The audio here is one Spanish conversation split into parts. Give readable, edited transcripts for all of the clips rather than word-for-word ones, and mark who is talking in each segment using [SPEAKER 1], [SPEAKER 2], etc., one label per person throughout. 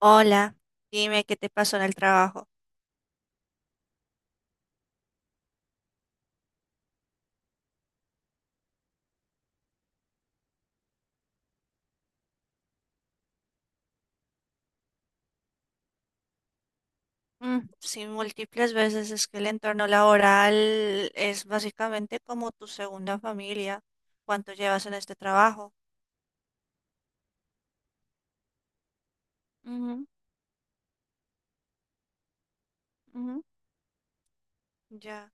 [SPEAKER 1] Hola, dime qué te pasó en el trabajo. Mm, sí, múltiples veces es que el entorno laboral es básicamente como tu segunda familia. ¿Cuánto llevas en este trabajo? Ujú, ujú. Ya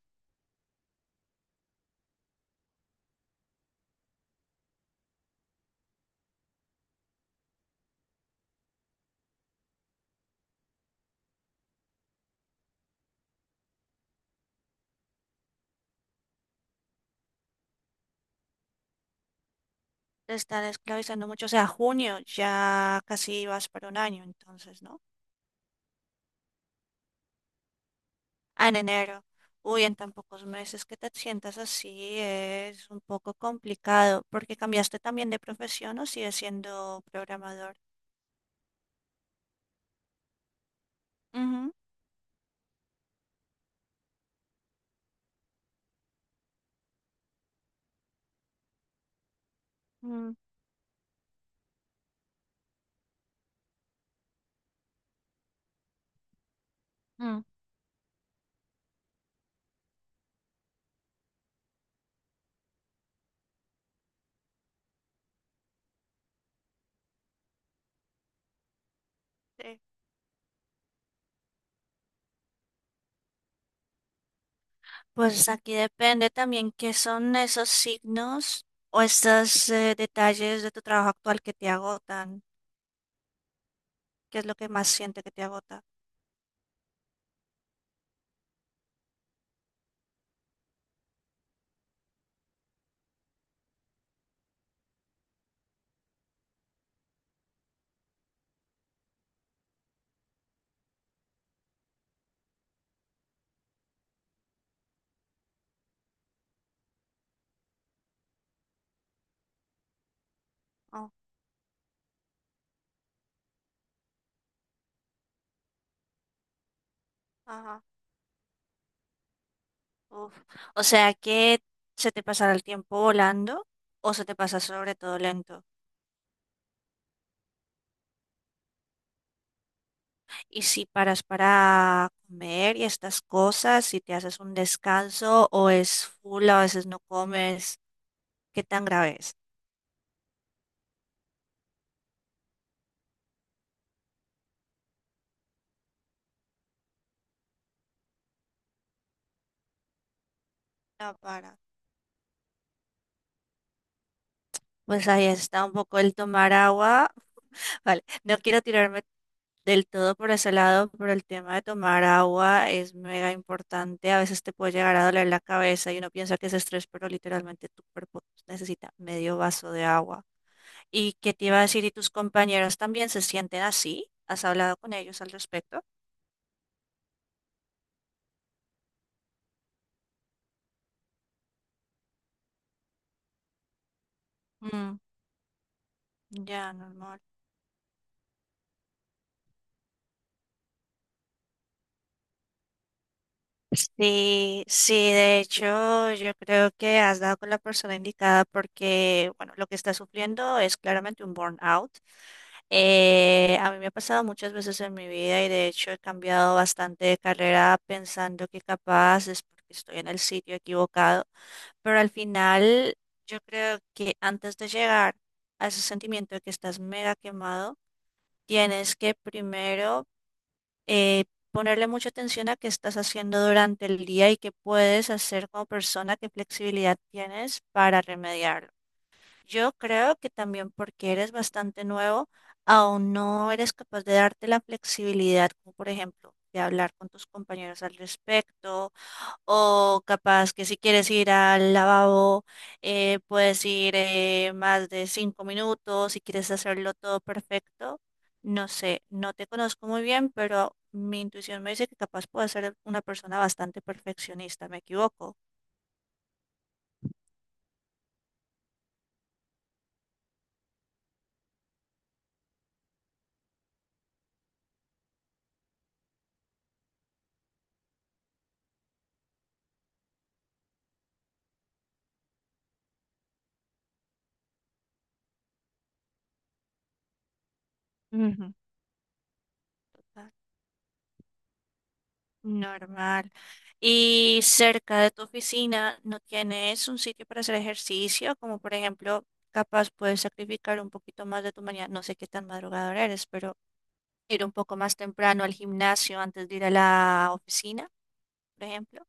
[SPEAKER 1] te están esclavizando mucho. O sea, junio ya casi vas para un año, entonces, ¿no? Ah, en enero. Uy, en tan pocos meses que te sientas así es un poco complicado. ¿Porque cambiaste también de profesión o sigues siendo programador? Ujú, mm, mm. Sí. Pues aquí depende también qué son esos signos o estos detalles de tu trabajo actual que te agotan. ¿Qué es lo que más siente que te agota? Oh, ajá, uf. O sea que se te pasará el tiempo volando o se te pasa sobre todo lento. Y si paras para comer y estas cosas, si te haces un descanso o es full, a veces no comes, ¿qué tan grave es? No para. Pues ahí está un poco el tomar agua. Vale, no quiero tirarme del todo por ese lado, pero el tema de tomar agua es mega importante. A veces te puede llegar a doler la cabeza y uno piensa que es estrés, pero literalmente tu cuerpo necesita medio vaso de agua. ¿Y qué te iba a decir? ¿Y tus compañeros también se sienten así? ¿Has hablado con ellos al respecto? Mm, ya, normal. Sí, sí, de hecho, yo creo que has dado con la persona indicada porque, bueno, lo que está sufriendo es claramente un burnout. A mí me ha pasado muchas veces en mi vida y de hecho he cambiado bastante de carrera pensando que capaz es porque estoy en el sitio equivocado, pero al final yo creo que antes de llegar a ese sentimiento de que estás mega quemado, tienes que primero eh, ponerle mucha atención a qué estás haciendo durante el día y qué puedes hacer como persona, qué flexibilidad tienes para remediarlo. Yo creo que también porque eres bastante nuevo, aún no eres capaz de darte la flexibilidad, como por ejemplo, de hablar con tus compañeros al respecto o capaz que si quieres ir al lavabo, puedes ir más de 5 minutos, si quieres hacerlo todo perfecto. No sé, no te conozco muy bien, pero mi intuición me dice que capaz puedo ser una persona bastante perfeccionista. ¿Me equivoco? Ujú. Normal. ¿Y cerca de tu oficina no tienes un sitio para hacer ejercicio? Como por ejemplo, capaz puedes sacrificar un poquito más de tu mañana. No sé qué tan madrugador eres, pero ir un poco más temprano al gimnasio antes de ir a la oficina, por ejemplo.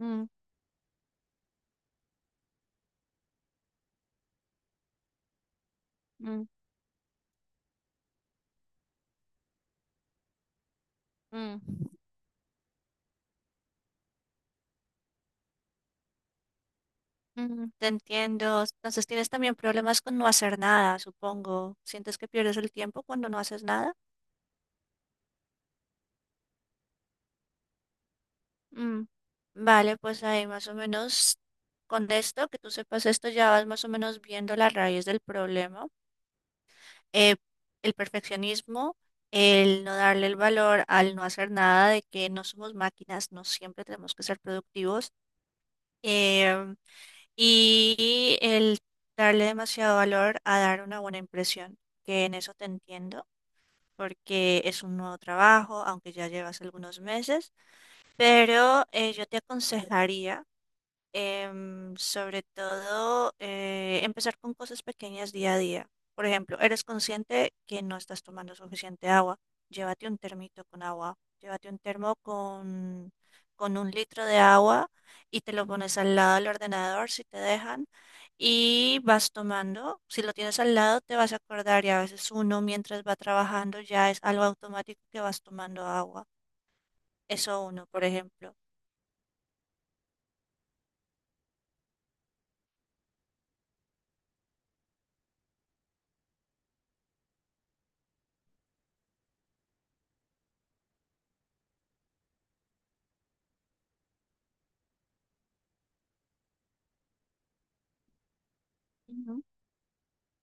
[SPEAKER 1] Mm, mm, mm. Mm, te entiendo. Entonces tienes también problemas con no hacer nada, supongo. ¿Sientes que pierdes el tiempo cuando no haces nada? Mm, vale, pues ahí más o menos con esto, que tú sepas esto, ya vas más o menos viendo la raíz del problema. Eh, el perfeccionismo, el no darle el valor al no hacer nada, de que no somos máquinas, no siempre tenemos que ser productivos. em, y el darle demasiado valor a dar una buena impresión, que en eso te entiendo, porque es un nuevo trabajo, aunque ya llevas algunos meses, pero yo te aconsejaría, sobre todo, empezar con cosas pequeñas día a día. Por ejemplo, eres consciente que no estás tomando suficiente agua. Llévate un termito con agua. Llévate un termo con un litro de agua y te lo pones al lado del ordenador si te dejan. Y vas tomando. Si lo tienes al lado, te vas a acordar. Y a veces uno, mientras va trabajando, ya es algo automático que vas tomando agua. Eso uno, por ejemplo.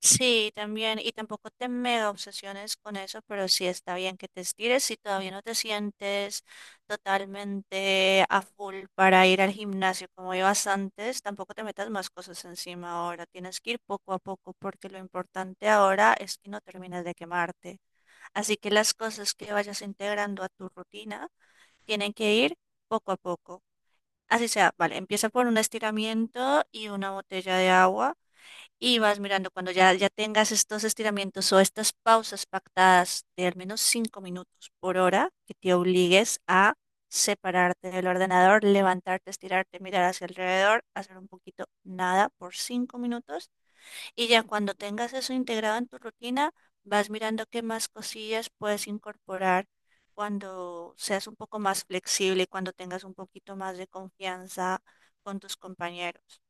[SPEAKER 1] Sí, también, y tampoco te mega obsesiones con eso, pero sí está bien que te estires si todavía no te sientes totalmente a full para ir al gimnasio como ibas antes, tampoco te metas más cosas encima ahora, tienes que ir poco a poco porque lo importante ahora es que no termines de quemarte, así que las cosas que vayas integrando a tu rutina tienen que ir poco a poco. Así sea, vale, empieza por un estiramiento y una botella de agua. Y vas mirando cuando ya tengas estos estiramientos o estas pausas pactadas de al menos 5 minutos por hora, que te obligues a separarte del ordenador, levantarte, estirarte, mirar hacia alrededor, hacer un poquito nada por 5 minutos. Y ya cuando tengas eso integrado en tu rutina, vas mirando qué más cosillas puedes incorporar cuando seas un poco más flexible, y cuando tengas un poquito más de confianza con tus compañeros.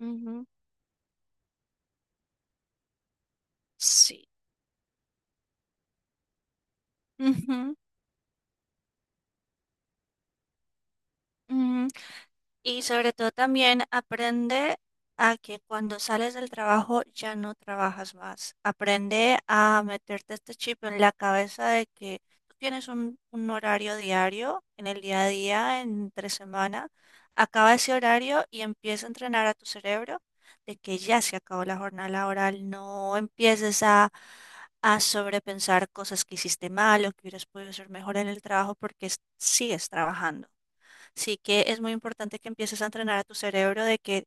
[SPEAKER 1] Ujú. Sí. Ujú. Ujú. Y sobre todo también aprende a que cuando sales del trabajo ya no trabajas más. Aprende a meterte este chip en la cabeza de que tú tienes un horario diario en el día a día, entre semana. Acaba ese horario y empieza a entrenar a tu cerebro de que ya se acabó la jornada laboral. No empieces a sobrepensar cosas que hiciste mal o que hubieras podido hacer mejor en el trabajo porque sigues trabajando. Sí que es muy importante que empieces a entrenar a tu cerebro de que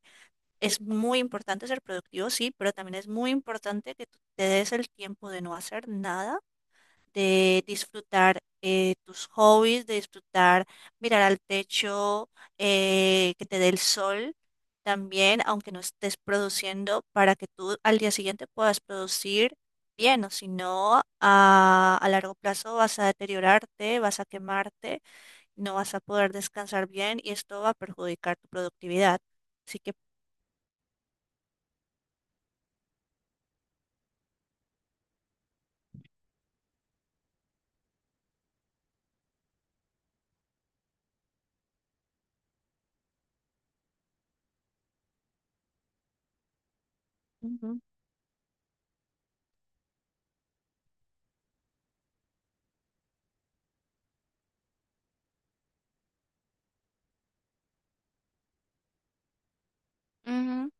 [SPEAKER 1] es muy importante ser productivo, sí, pero también es muy importante que tú te des el tiempo de no hacer nada, de disfrutar tus hobbies, de disfrutar mirar al techo, que te dé el sol también, aunque no estés produciendo, para que tú al día siguiente puedas producir bien, o si no, a largo plazo vas a deteriorarte, vas a quemarte no vas a poder descansar bien y esto va a perjudicar tu productividad. Así que ujú, ujú.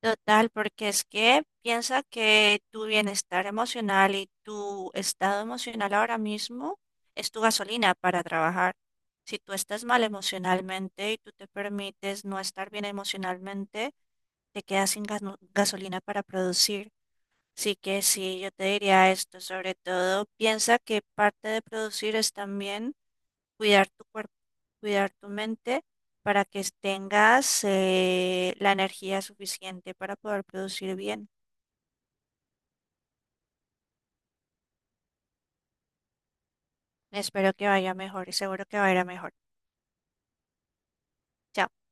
[SPEAKER 1] Total, porque es que piensa que tu bienestar emocional y tu estado emocional ahora mismo es tu gasolina para trabajar. Si tú estás mal emocionalmente y tú te permites no estar bien emocionalmente, te quedas sin gasolina para producir. Así que sí, yo te diría esto, sobre todo piensa que parte de producir es también cuidar tu cuerpo, cuidar tu mente para que tengas la energía suficiente para poder producir bien. Espero que vaya mejor y seguro que va a ir a mejor. Chao.